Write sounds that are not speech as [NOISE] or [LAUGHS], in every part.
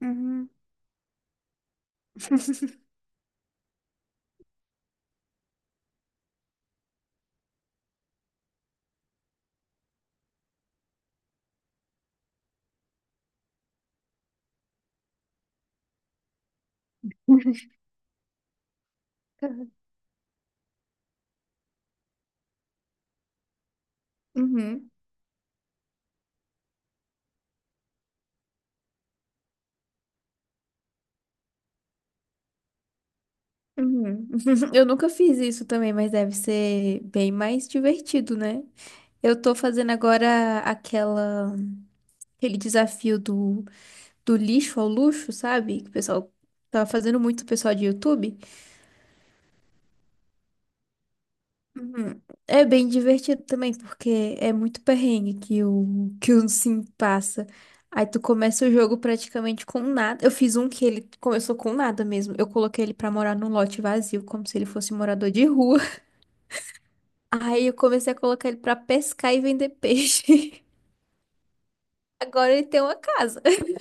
Uhum. [LAUGHS] Uhum. Uhum. [LAUGHS] Eu nunca fiz isso também, mas deve ser bem mais divertido, né? Eu tô fazendo agora aquela, aquele desafio do lixo ao luxo, sabe? Que o pessoal tava fazendo muito, o pessoal de YouTube. Uhum. É bem divertido também, porque é muito perrengue que o Sim passa. Aí tu começa o jogo praticamente com nada. Eu fiz um que ele começou com nada mesmo. Eu coloquei ele pra morar num lote vazio, como se ele fosse morador de rua. [LAUGHS] Aí eu comecei a colocar ele pra pescar e vender peixe. [LAUGHS] Agora ele tem uma casa. [LAUGHS]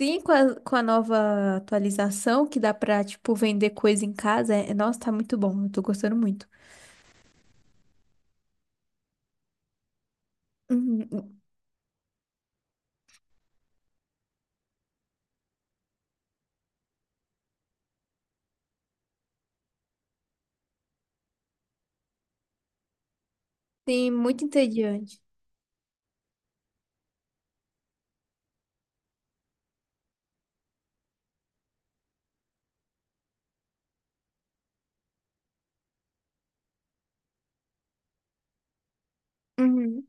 Sim, com a nova atualização, que dá pra, tipo, vender coisa em casa. É, nossa, tá muito bom. Eu tô gostando muito. Uhum. Sim, muito entediante. Uhum.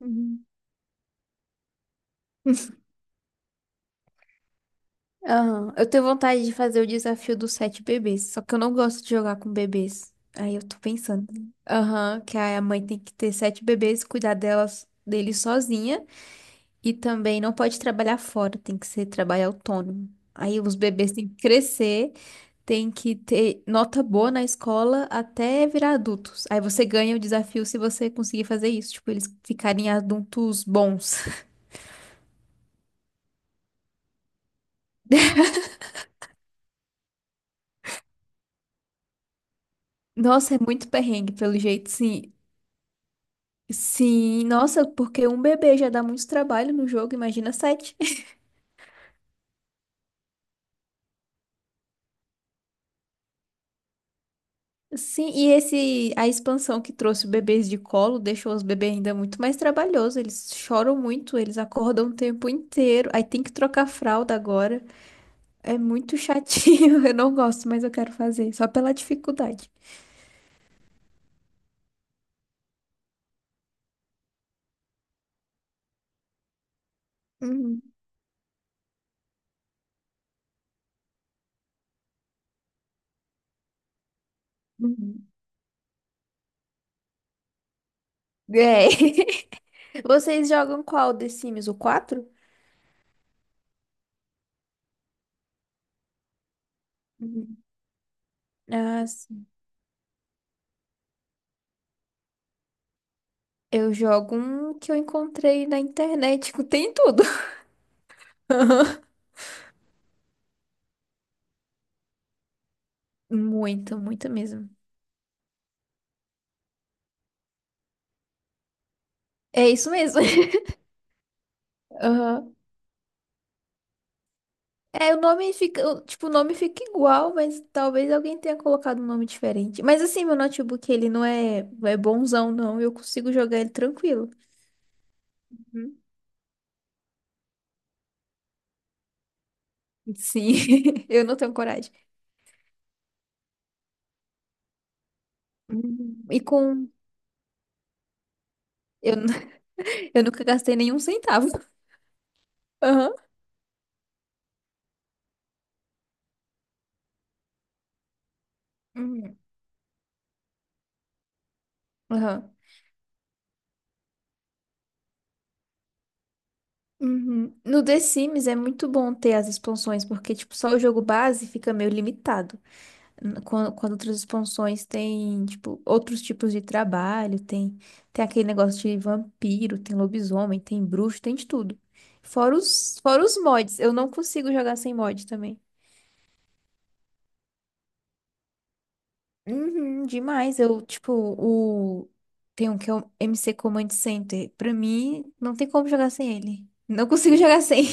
Uhum. Aham. Eu tenho vontade de fazer o desafio dos sete bebês, só que eu não gosto de jogar com bebês. Aí eu tô pensando. Aham, que a mãe tem que ter sete bebês, cuidar delas, deles sozinha e também não pode trabalhar fora, tem que ser trabalho autônomo. Aí os bebês têm que crescer, tem que ter nota boa na escola até virar adultos. Aí você ganha o desafio se você conseguir fazer isso, tipo, eles ficarem adultos bons. [LAUGHS] Nossa, é muito perrengue, pelo jeito, sim. Sim, nossa, porque um bebê já dá muito trabalho no jogo, imagina sete. [LAUGHS] Sim, e esse a expansão que trouxe bebês de colo deixou os bebês ainda muito mais trabalhoso. Eles choram muito, eles acordam o tempo inteiro. Aí tem que trocar a fralda agora. É muito chatinho. [LAUGHS] Eu não gosto, mas eu quero fazer, só pela dificuldade. Uhum, uhum. É. [LAUGHS] Vocês jogam qual The Sims? O quatro. Uhum. Ah, sim. Eu jogo um que eu encontrei na internet, [LAUGHS] tem tudo. Muito, muito mesmo. É isso mesmo. [LAUGHS] Aham. É, o nome fica, o- tipo, o nome fica igual, mas talvez alguém tenha colocado um nome diferente. Mas assim, meu notebook, ele não é, não é bonzão, não. Eu consigo jogar ele tranquilo. Uhum. Sim, [LAUGHS] eu não tenho coragem. Hum. E com. Eu, nu- [LAUGHS] eu nunca gastei nenhum centavo. Aham. Uhum. Aham. Uhum. No The Sims é muito bom ter as expansões, porque, tipo, só o jogo base fica meio limitado. Quando outras expansões tem, tipo, outros tipos de trabalho, tem, tem aquele negócio de vampiro, tem lobisomem, tem bruxo, tem de tudo. Fora os mods, eu não consigo jogar sem mod também. Uhum, demais, eu, tipo, o... Tem um que é o MC Command Center. Pra mim, não tem como jogar sem ele. Não consigo [LAUGHS] jogar sem.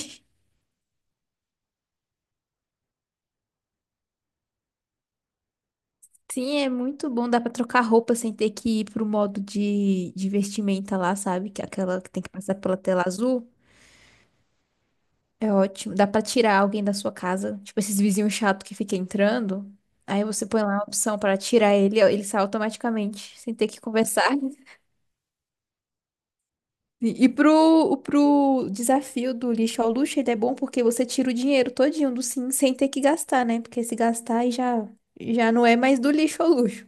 Sim, é muito bom, dá pra trocar roupa sem ter que ir pro modo de vestimenta lá, sabe? Que é aquela que tem que passar pela tela azul. É ótimo. Dá pra tirar alguém da sua casa, tipo esses vizinhos chato que fica entrando. Aí você põe lá a opção pra tirar ele, ó, ele sai automaticamente, sem ter que conversar. [LAUGHS] Pro desafio do lixo ao luxo, ele é bom porque você tira o dinheiro todinho do sim, sem ter que gastar, né? Porque se gastar, já não é mais do lixo ao luxo.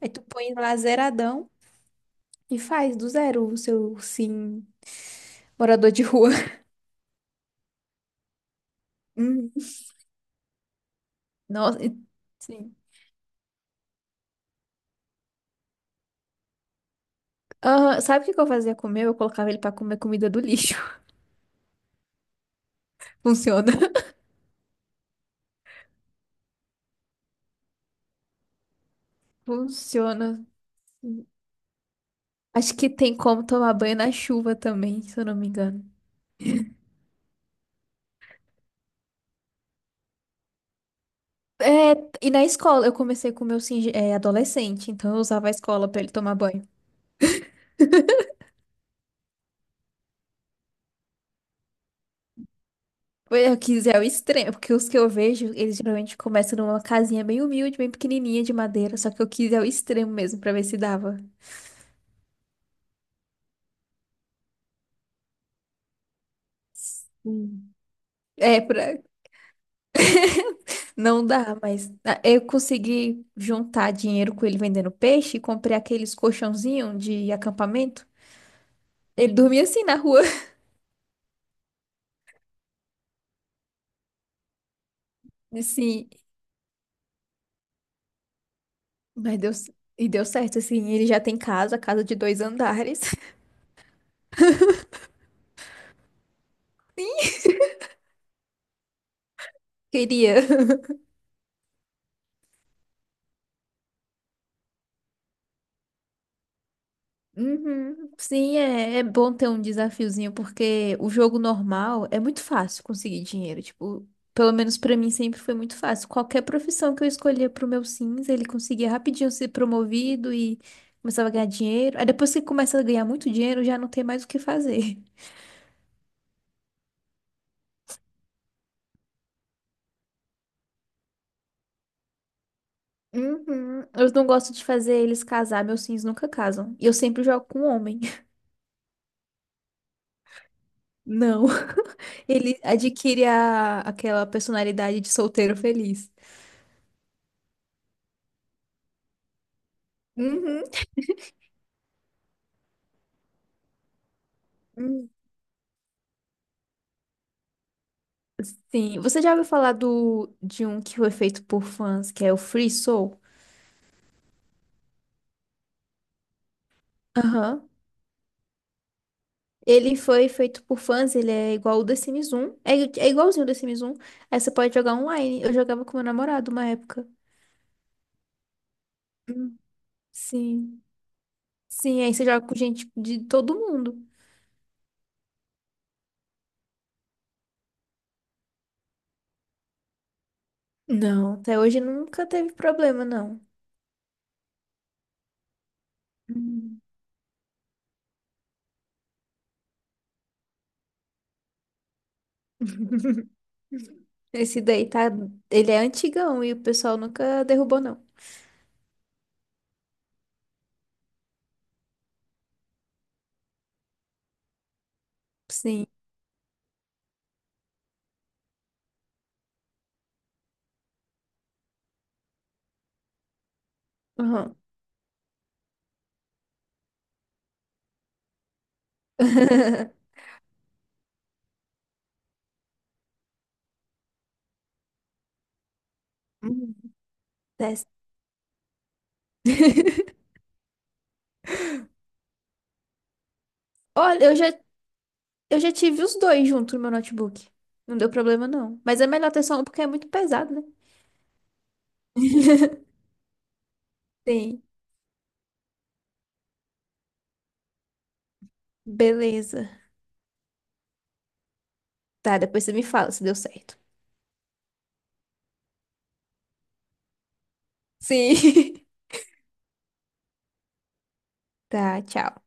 Aí tu põe lá zeradão e faz do zero o seu sim morador de rua. [LAUGHS] Hum. Nossa, e- sim. Aham, sabe o que que eu fazia com o meu? Eu colocava ele pra comer comida do lixo. Funciona. [LAUGHS] Funciona. Acho que tem como tomar banho na chuva também, se eu não me engano. É, e na escola, eu comecei com o meu é, adolescente, então eu usava a escola pra ele tomar banho. Foi o que é o extremo, porque os que eu vejo, eles geralmente começam numa casinha bem humilde, bem pequenininha de madeira, só que eu quis é o extremo mesmo pra ver se dava. Hum. É, pra... não dá, mas ah, eu consegui juntar dinheiro com ele vendendo peixe e comprei aqueles colchãozinhos de acampamento. Ele dormia assim na rua. Sim, mas deu, c- e deu certo, assim. Ele já tem casa, casa de dois andares. [LAUGHS] Queria. Uhum. Sim, é, é bom ter um desafiozinho, porque o jogo normal é muito fácil conseguir dinheiro. Tipo, pelo menos pra mim sempre foi muito fácil. Qualquer profissão que eu escolhia pro meu Sims, ele conseguia rapidinho ser promovido e começava a ganhar dinheiro. Aí depois que começa a ganhar muito dinheiro, já não tem mais o que fazer. Uhum. Eu não gosto de fazer eles casar, meus Sims nunca casam. E eu sempre jogo com homem. [LAUGHS] Não. Ele adquire a, aquela personalidade de solteiro feliz. Uhum. Hum. Sim, você já ouviu falar do, de um que foi feito por fãs, que é o Free Soul? Aham. Ele foi feito por fãs, ele é igual o The Sims 1. É, é igualzinho o The Sims 1. Aí você pode jogar online. Eu jogava com meu namorado uma época. Hum. Sim. Sim, aí você joga com gente de todo mundo. Não, até hoje nunca teve problema, não. Hum. [LAUGHS] Esse daí tá. Ele é antigão e o pessoal nunca derrubou, não. Sim. Aham. [LAUGHS] Uhum. Desce. [LAUGHS] Olha, eu já tive os dois junto no meu notebook. Não deu problema, não. Mas é melhor ter só um porque é muito pesado, né? [LAUGHS] Sim. Beleza. Tá, depois você me fala se deu certo. Sim. [LAUGHS] Tá, tchau.